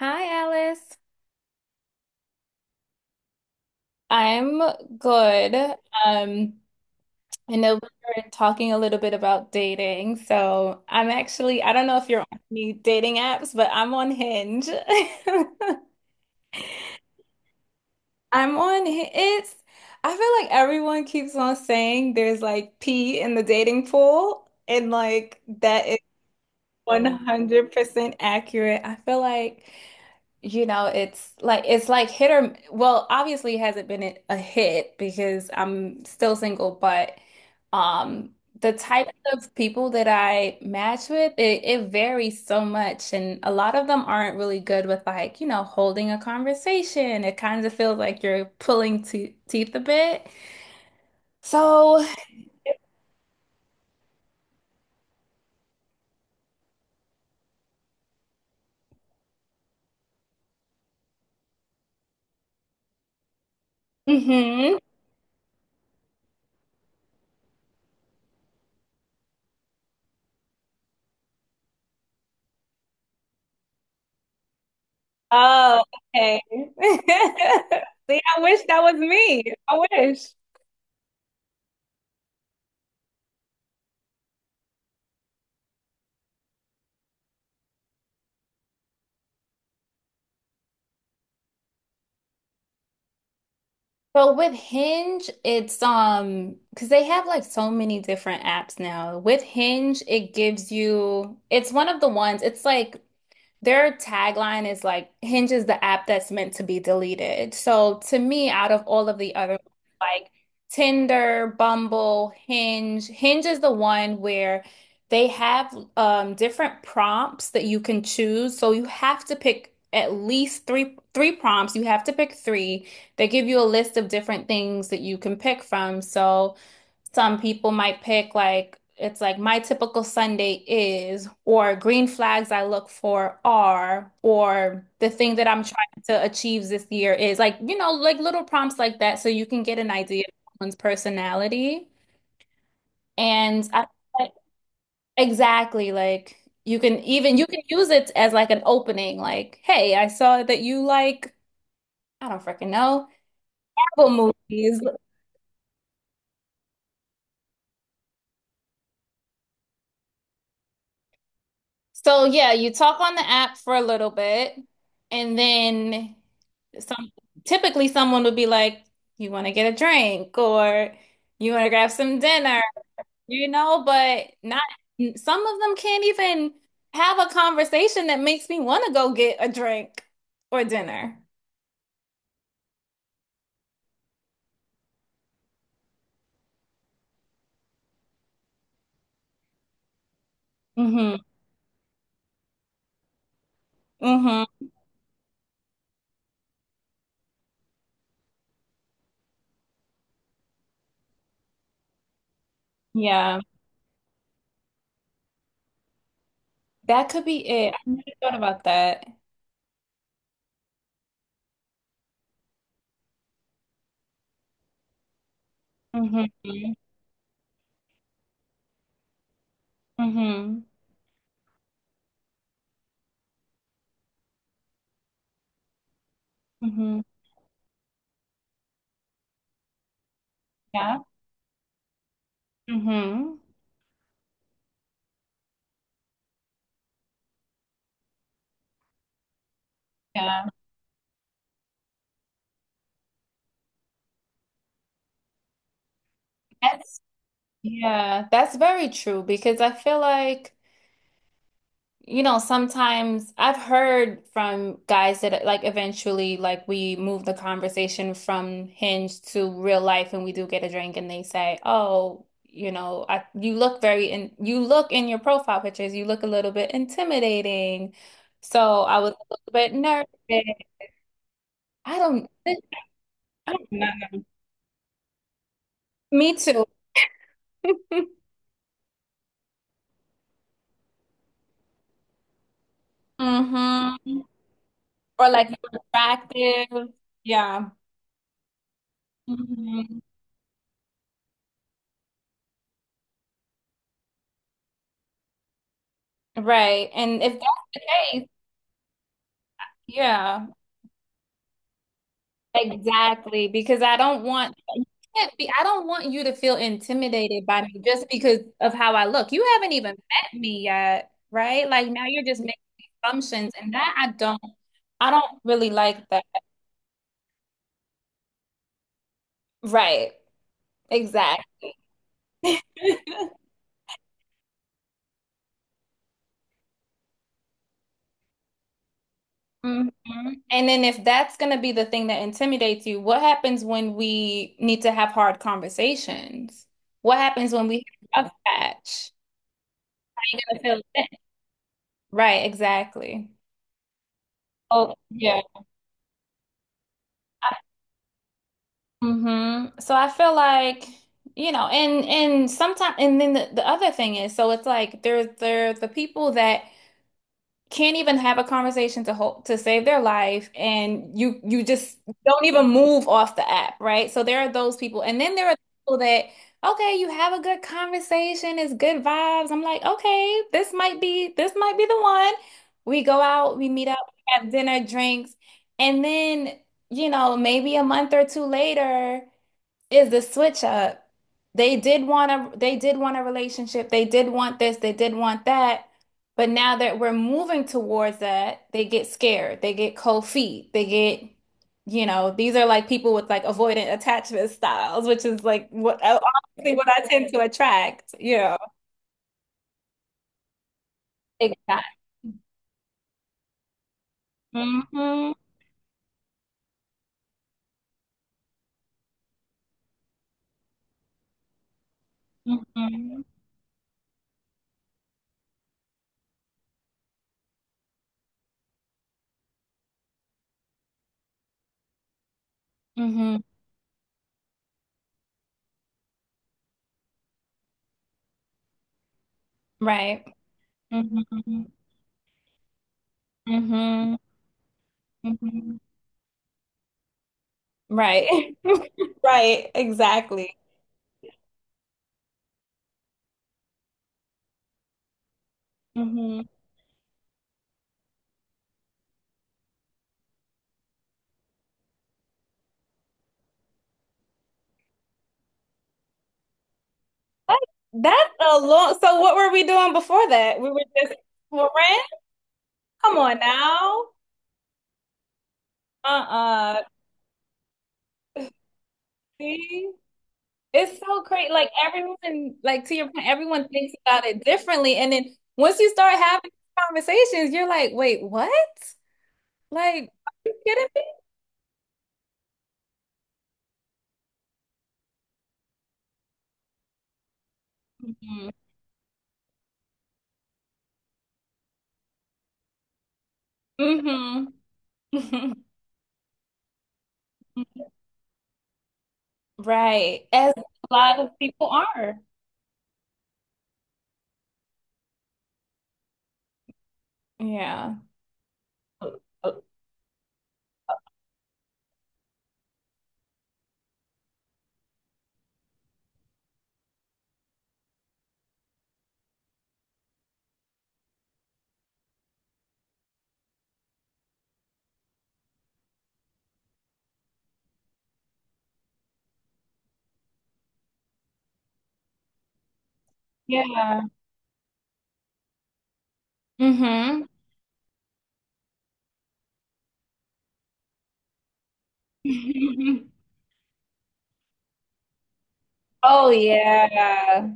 Hi, Alice. I'm good. Um, I know we were talking a little bit about dating, so I'm actually, I don't know if you're on any dating apps, but I'm on Hinge. I'm on, Hi- it's, I feel like everyone keeps on saying there's like pee in the dating pool, and like that is Oh. 100% accurate. I feel like it's like hit or, obviously it hasn't been a hit because I'm still single, but um the type of people that I match with, it varies so much and a lot of them aren't really good with like, you know, holding a conversation. It kind of feels like you're pulling te teeth a bit. So, hmm Oh, okay. See, I wish that was me. I wish. Well, with Hinge, it's because they have like so many different apps now. With Hinge, it gives you it's one of the ones, it's like their tagline is like Hinge is the app that's meant to be deleted. So to me, out of all of the other ones, like Tinder, Bumble, Hinge, Hinge is the one where they have different prompts that you can choose. So you have to pick at least three prompts. You have to pick three They give you a list of different things that you can pick from. So some people might pick like it's like my typical Sunday is, or green flags I look for are, or the thing that I'm trying to achieve this year is like, you know, like little prompts like that so you can get an idea of someone's personality. And I, like, exactly, like you can use it as like an opening, like, hey, I saw that you like, I don't freaking know, Marvel movies. So yeah, you talk on the app for a little bit, and then some typically someone would be like, "You want to get a drink or you want to grab some dinner," you know, but not some of them can't even have a conversation that makes me want to go get a drink or dinner. hmm hmm Yeah. That could be it. I never thought about that. hmm hmm hmm Yeah. hmm Yeah. That's Yeah, that's very true because I feel like, you know, sometimes I've heard from guys that like eventually like we move the conversation from Hinge to real life and we do get a drink and they say, "Oh, you know, I you look very in you look in your profile pictures, you look a little bit intimidating." So I was a little bit nervous. I don't know. Me too. Mm-hmm. Or like you're attractive. Yeah. Mm-hmm. Right. And if that's the case, yeah, exactly. Because I don't want you to feel intimidated by me just because of how I look. You haven't even met me yet, right? Like now you're just making assumptions and that I don't really like that. Right. Exactly. Mhm. And then if that's going to be the thing that intimidates you, what happens when we need to have hard conversations? What happens when we have a rough patch? Right, exactly. Oh, yeah. So I feel like, you know, and sometimes and then the other thing is, so it's like there are the people that can't even have a conversation to save their life and you just don't even move off the app, right? So there are those people. And then there are people that okay, you have a good conversation, it's good vibes. I'm like, okay, this might be the one. We go out, we meet up, have dinner, drinks, and then, you know, maybe a month or two later is the switch up. They did want a relationship. They did want this, they did want that. But now that we're moving towards that, they get scared. They get cold feet. They get, you know, these are like people with like avoidant attachment styles, which is like what I tend to attract. You know, exactly. hmm hmm hmm Right. hmm hmm hmm Right. Right. Exactly. hmm That- That's a long. So what were we doing before that? We were just well, come on now. Uh-uh. See, it's so crazy. Like everyone, like to your point, everyone thinks about it differently. And then once you start having conversations, you're like, wait, what? Like, are you kidding me? hmm hmm Right. As a lot of people are. Yeah. Yeah. mm hmm Oh yeah.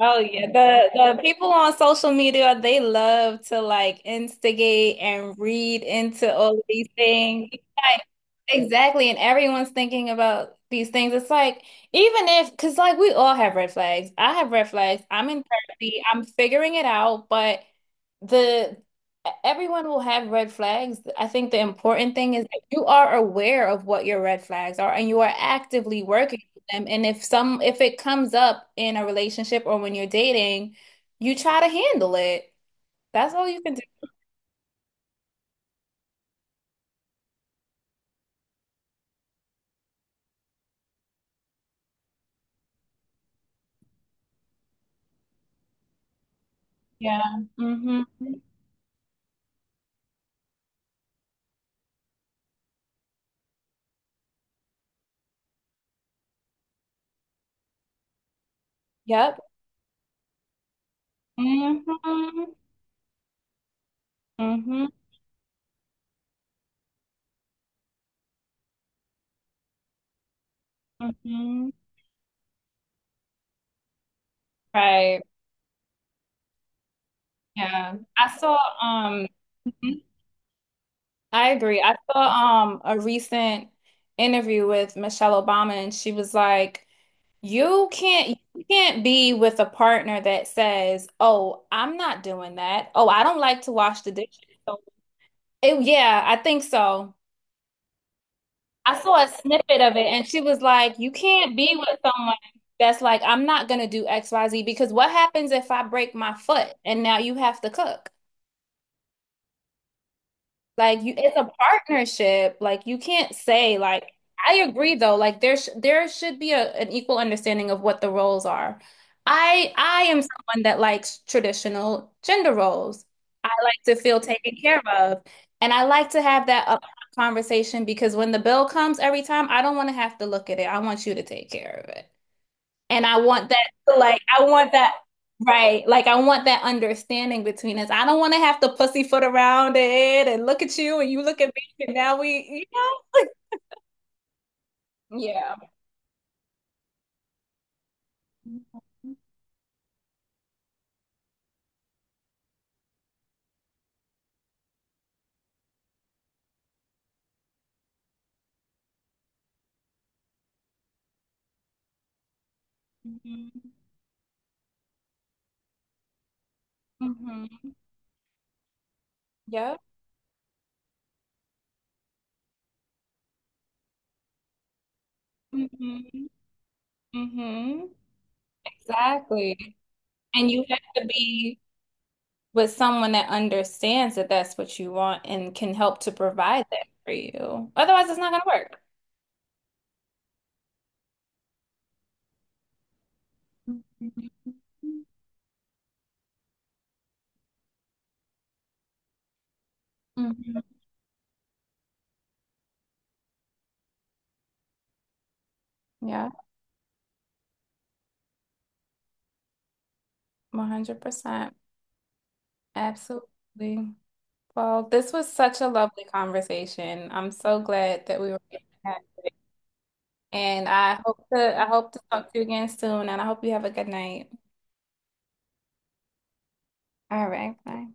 Oh yeah, the people on social media, they love to like instigate and read into all of these things. It's like, exactly, and everyone's thinking about these things. It's like even if, because like we all have red flags. I have red flags. I'm in therapy. I'm figuring it out, but the everyone will have red flags. I think the important thing is that you are aware of what your red flags are and you are actively working with them. And if it comes up in a relationship or when you're dating, you try to handle it. That's all you can do. Yeah. hmm Yep. hmm hmm hmm Right. Yeah. I saw Mhm. I agree. I saw a recent interview with Michelle Obama and she was like, "You can't be with a partner that says, 'Oh, I'm not doing that. Oh, I don't like to wash the dishes.'" So, it, yeah, I think so. I saw a snippet of it and she was like, "You can't be with someone that's like, I'm not gonna do XYZ because what happens if I break my foot and now you have to cook?" Like you, it's a partnership. Like you can't say like I agree though. Like there sh there should be a, an equal understanding of what the roles are. I am someone that likes traditional gender roles. I like to feel taken care of, and I like to have that upfront conversation because when the bill comes every time, I don't want to have to look at it. I want you to take care of it. And I want that like I want that right. Like I want that understanding between us. I don't want to have to pussyfoot around it and look at you and you look at me and now we, you know? Yeah. Mhm. Mhm. Yep. Mhm. Mhm. Exactly. And you have to be with someone that understands that that's what you want and can help to provide that for you. Otherwise, it's not going to work. Mhm. Mhm. Yeah, 100%. Absolutely. Well, this was such a lovely conversation. I'm so glad that we were able to have it. And I hope to talk to you again soon, and I hope you have a good night. All right, bye.